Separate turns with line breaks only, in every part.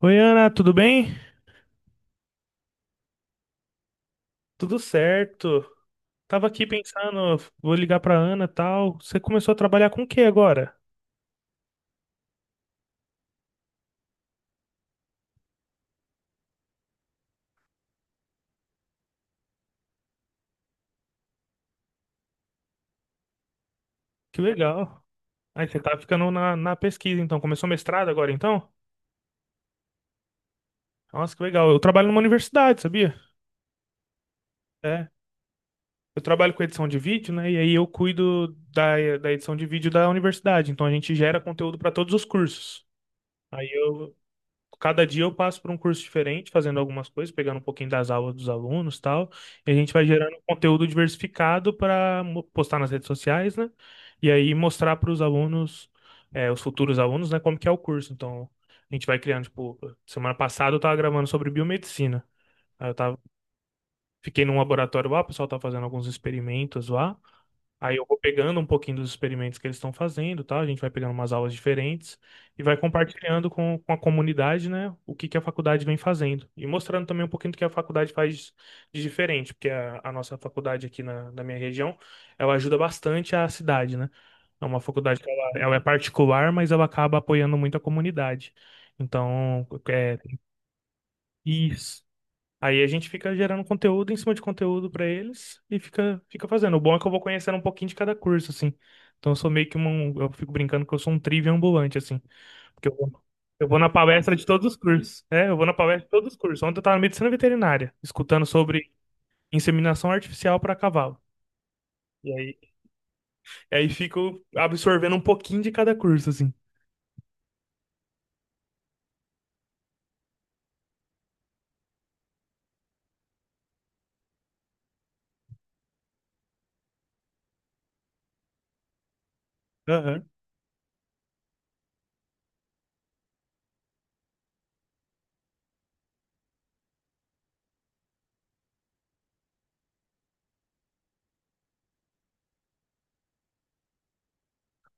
Oi, Ana, tudo bem? Tudo certo. Tava aqui pensando, vou ligar pra Ana e tal. Você começou a trabalhar com o que agora? Que legal. Aí você tá ficando na pesquisa, então. Começou mestrado agora, então? Nossa, que legal. Eu trabalho numa universidade, sabia? É. Eu trabalho com edição de vídeo, né? E aí eu cuido da edição de vídeo da universidade. Então a gente gera conteúdo pra todos os cursos. Aí eu, Cada dia eu passo por um curso diferente, fazendo algumas coisas, pegando um pouquinho das aulas dos alunos e tal. E a gente vai gerando um conteúdo diversificado para postar nas redes sociais, né? E aí mostrar para os alunos, é, os futuros alunos, né, como que é o curso. Então, a gente vai criando, tipo, semana passada eu tava gravando sobre biomedicina. Aí eu tava, fiquei num laboratório lá, o pessoal tá fazendo alguns experimentos lá. Aí eu vou pegando um pouquinho dos experimentos que eles estão fazendo, tá? A gente vai pegando umas aulas diferentes e vai compartilhando com a comunidade, né? O que que a faculdade vem fazendo. E mostrando também um pouquinho do que a faculdade faz de diferente, porque a nossa faculdade aqui na minha região, ela ajuda bastante a cidade, né? É uma faculdade que ela é particular, mas ela acaba apoiando muito a comunidade. Então, é, isso. Aí a gente fica gerando conteúdo em cima de conteúdo pra eles e fica, fica fazendo. O bom é que eu vou conhecendo um pouquinho de cada curso, assim. Então eu sou meio que um. Eu fico brincando que eu sou um trivia ambulante, assim. Porque eu vou, eu vou na palestra de todos os cursos. É, eu vou na palestra de todos os cursos. Ontem eu tava na medicina veterinária, escutando sobre inseminação artificial pra cavalo. E aí, e aí fico absorvendo um pouquinho de cada curso, assim. Aham.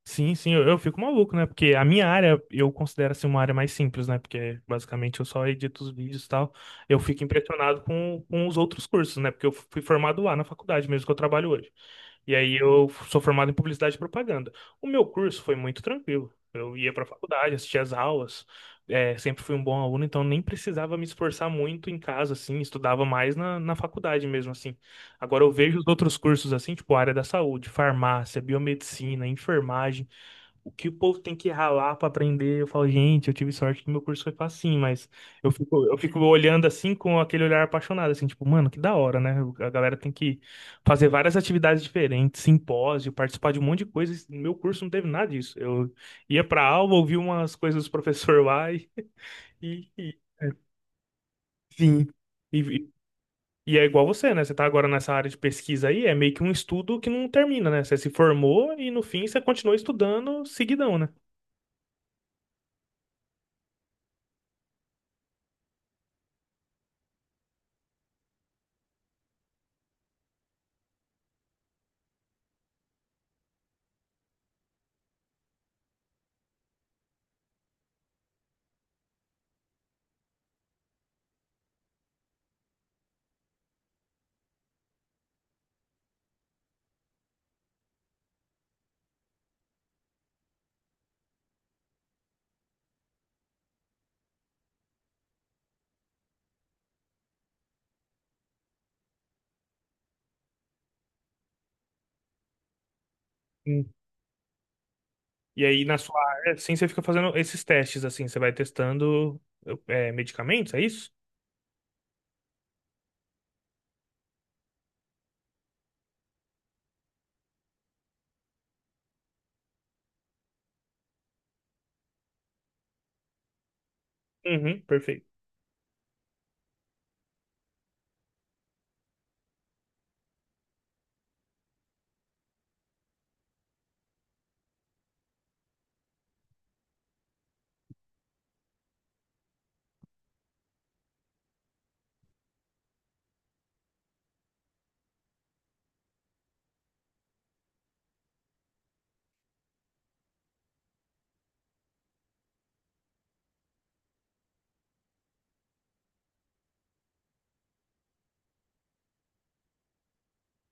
Sim, sim, eu fico maluco, né? Porque a minha área eu considero assim uma área mais simples, né? Porque basicamente eu só edito os vídeos e tal. Eu fico impressionado com os outros cursos, né? Porque eu fui formado lá na faculdade mesmo que eu trabalho hoje. E aí eu sou formado em publicidade e propaganda. O meu curso foi muito tranquilo. Eu ia pra faculdade, assistia as aulas, é, sempre fui um bom aluno, então nem precisava me esforçar muito em casa, assim, estudava mais na faculdade mesmo, assim. Agora eu vejo os outros cursos, assim, tipo área da saúde, farmácia, biomedicina, enfermagem. O que o povo tem que ralar pra aprender, eu falo, gente, eu tive sorte que meu curso foi assim, mas eu fico olhando assim com aquele olhar apaixonado, assim, tipo, mano, que da hora, né? A galera tem que fazer várias atividades diferentes, simpósio, participar de um monte de coisas. No meu curso não teve nada disso. Eu ia pra aula, ouvia umas coisas do professor lá e, e- sim. E, e e é igual você, né? Você tá agora nessa área de pesquisa aí, é meio que um estudo que não termina, né? Você se formou e no fim você continua estudando seguidão, né? E aí, na sua área, assim, você fica fazendo esses testes, assim, você vai testando é, medicamentos, é isso? Uhum, perfeito.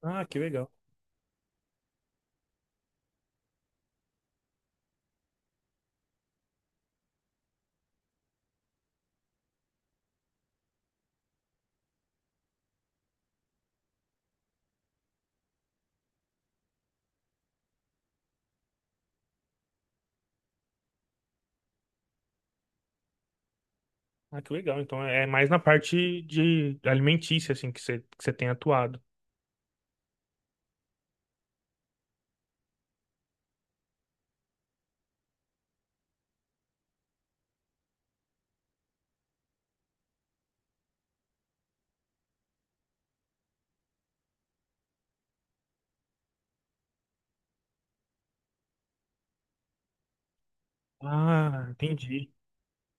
Ah, que legal. Ah, que legal. Então é mais na parte de alimentícia, assim, que você tem atuado. Ah, entendi.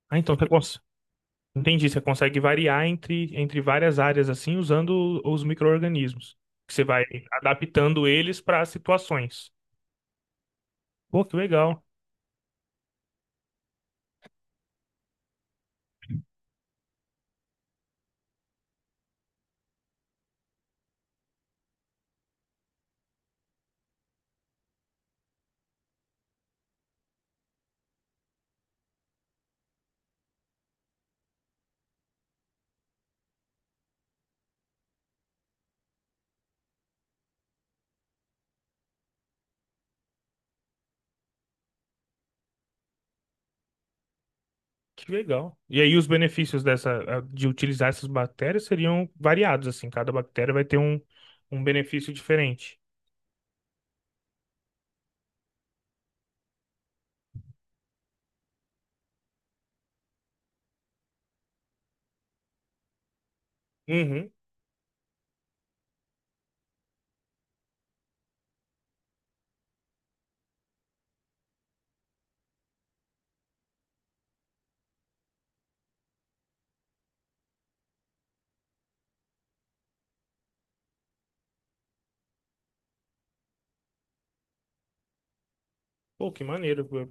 Ah, então você consegue. Entendi, você consegue variar entre várias áreas, assim, usando os micro-organismos. Que Você vai adaptando eles para situações. Pô, que legal. Que legal. E aí os benefícios dessa de utilizar essas bactérias seriam variados, assim, cada bactéria vai ter um, um benefício diferente. Uhum. Pô, que maneiro. Pô.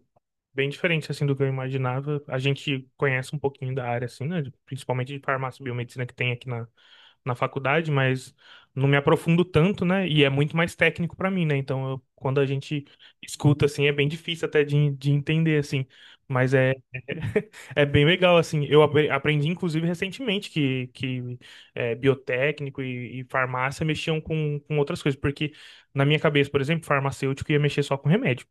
Bem diferente assim do que eu imaginava. A gente conhece um pouquinho da área assim, né? Principalmente de farmácia e biomedicina que tem aqui na faculdade, mas não me aprofundo tanto, né? E é muito mais técnico para mim, né? Então, quando a gente escuta assim, é bem difícil até de entender assim, mas é é bem legal assim. Eu aprendi inclusive recentemente que é, biotécnico e farmácia mexiam com outras coisas, porque na minha cabeça, por exemplo, farmacêutico ia mexer só com remédio.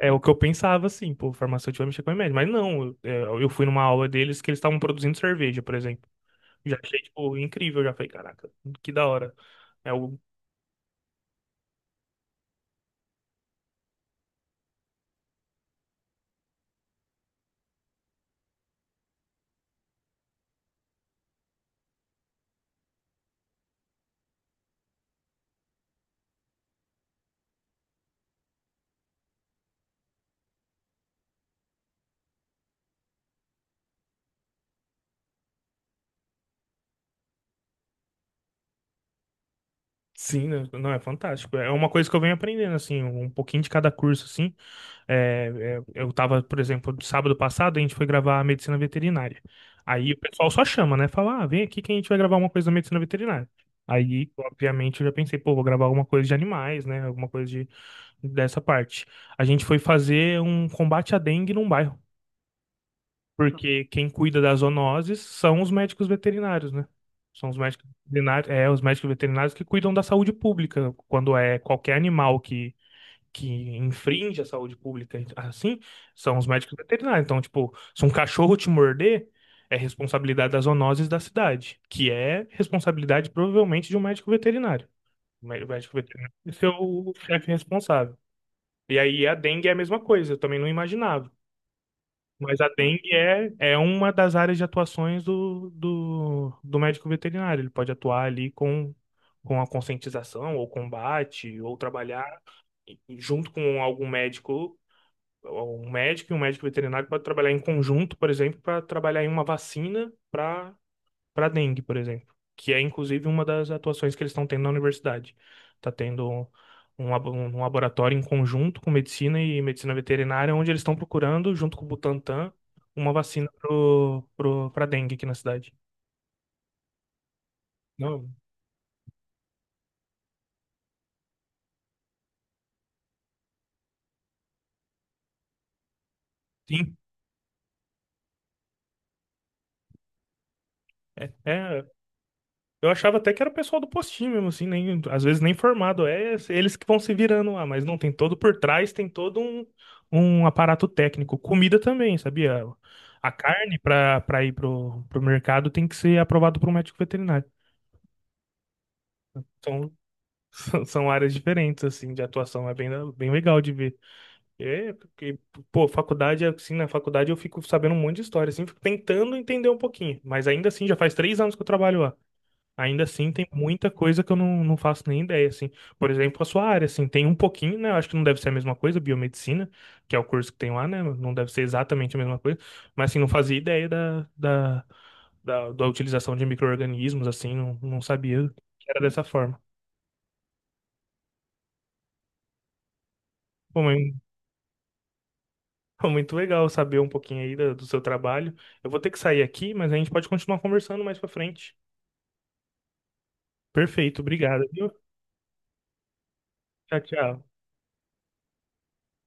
É o que eu pensava assim, pô, farmacêutico vai mexer com remédio, mas não, eu, é, eu fui numa aula deles que eles estavam produzindo cerveja, por exemplo. Já achei, tipo, incrível. Já falei, caraca, que da hora. É o. Sim, né? Não, é fantástico. É uma coisa que eu venho aprendendo, assim, um pouquinho de cada curso, assim. É, eu tava, por exemplo, sábado passado, a gente foi gravar a medicina veterinária. Aí o pessoal só chama, né? Fala, ah, vem aqui que a gente vai gravar uma coisa da medicina veterinária. Aí, obviamente, eu já pensei, pô, vou gravar alguma coisa de animais, né? Dessa parte. A gente foi fazer um combate à dengue num bairro. Porque quem cuida das zoonoses são os médicos veterinários, né? São os médicos veterinários, é, os médicos veterinários que cuidam da saúde pública. Quando é qualquer animal que infringe a saúde pública, assim, são os médicos veterinários. Então, tipo, se um cachorro te morder, é responsabilidade das zoonoses da cidade, que é responsabilidade provavelmente de um médico veterinário. O o médico veterinário é o chefe responsável. E aí a dengue é a mesma coisa, eu também não imaginava. Mas a dengue é uma das áreas de atuações do médico veterinário. Ele pode atuar ali com a conscientização, ou combate, ou trabalhar junto com algum médico. Um médico e um médico veterinário pode trabalhar em conjunto, por exemplo, para trabalhar em uma vacina para dengue, por exemplo, que é inclusive uma das atuações que eles estão tendo na universidade. Está tendo um laboratório em conjunto com medicina e medicina veterinária, onde eles estão procurando, junto com o Butantan, uma vacina para dengue aqui na cidade. Não, sim, é. Eu achava até que era o pessoal do postinho mesmo, assim, nem, às vezes nem formado. É eles que vão se virando lá, mas não, tem todo por trás, tem todo um, um aparato técnico. Comida também, sabia? A carne para ir pro mercado tem que ser aprovado por um médico veterinário. Então, são são áreas diferentes, assim, de atuação. É bem, bem legal de ver. É, porque, pô, faculdade, assim, na faculdade eu fico sabendo um monte de história, assim, fico tentando entender um pouquinho. Mas ainda assim, já faz 3 anos que eu trabalho lá. Ainda assim, tem muita coisa que eu não faço nem ideia, assim. Por exemplo, a sua área, assim, tem um pouquinho, né? Eu acho que não deve ser a mesma coisa, biomedicina, que é o curso que tem lá, né? Não deve ser exatamente a mesma coisa, mas, assim, não fazia ideia da utilização de micro-organismos, assim, não sabia que era dessa forma. Bom, mas foi muito legal saber um pouquinho aí do seu trabalho. Eu vou ter que sair aqui, mas a gente pode continuar conversando mais pra frente. Perfeito, obrigado, viu? Tchau, tchau.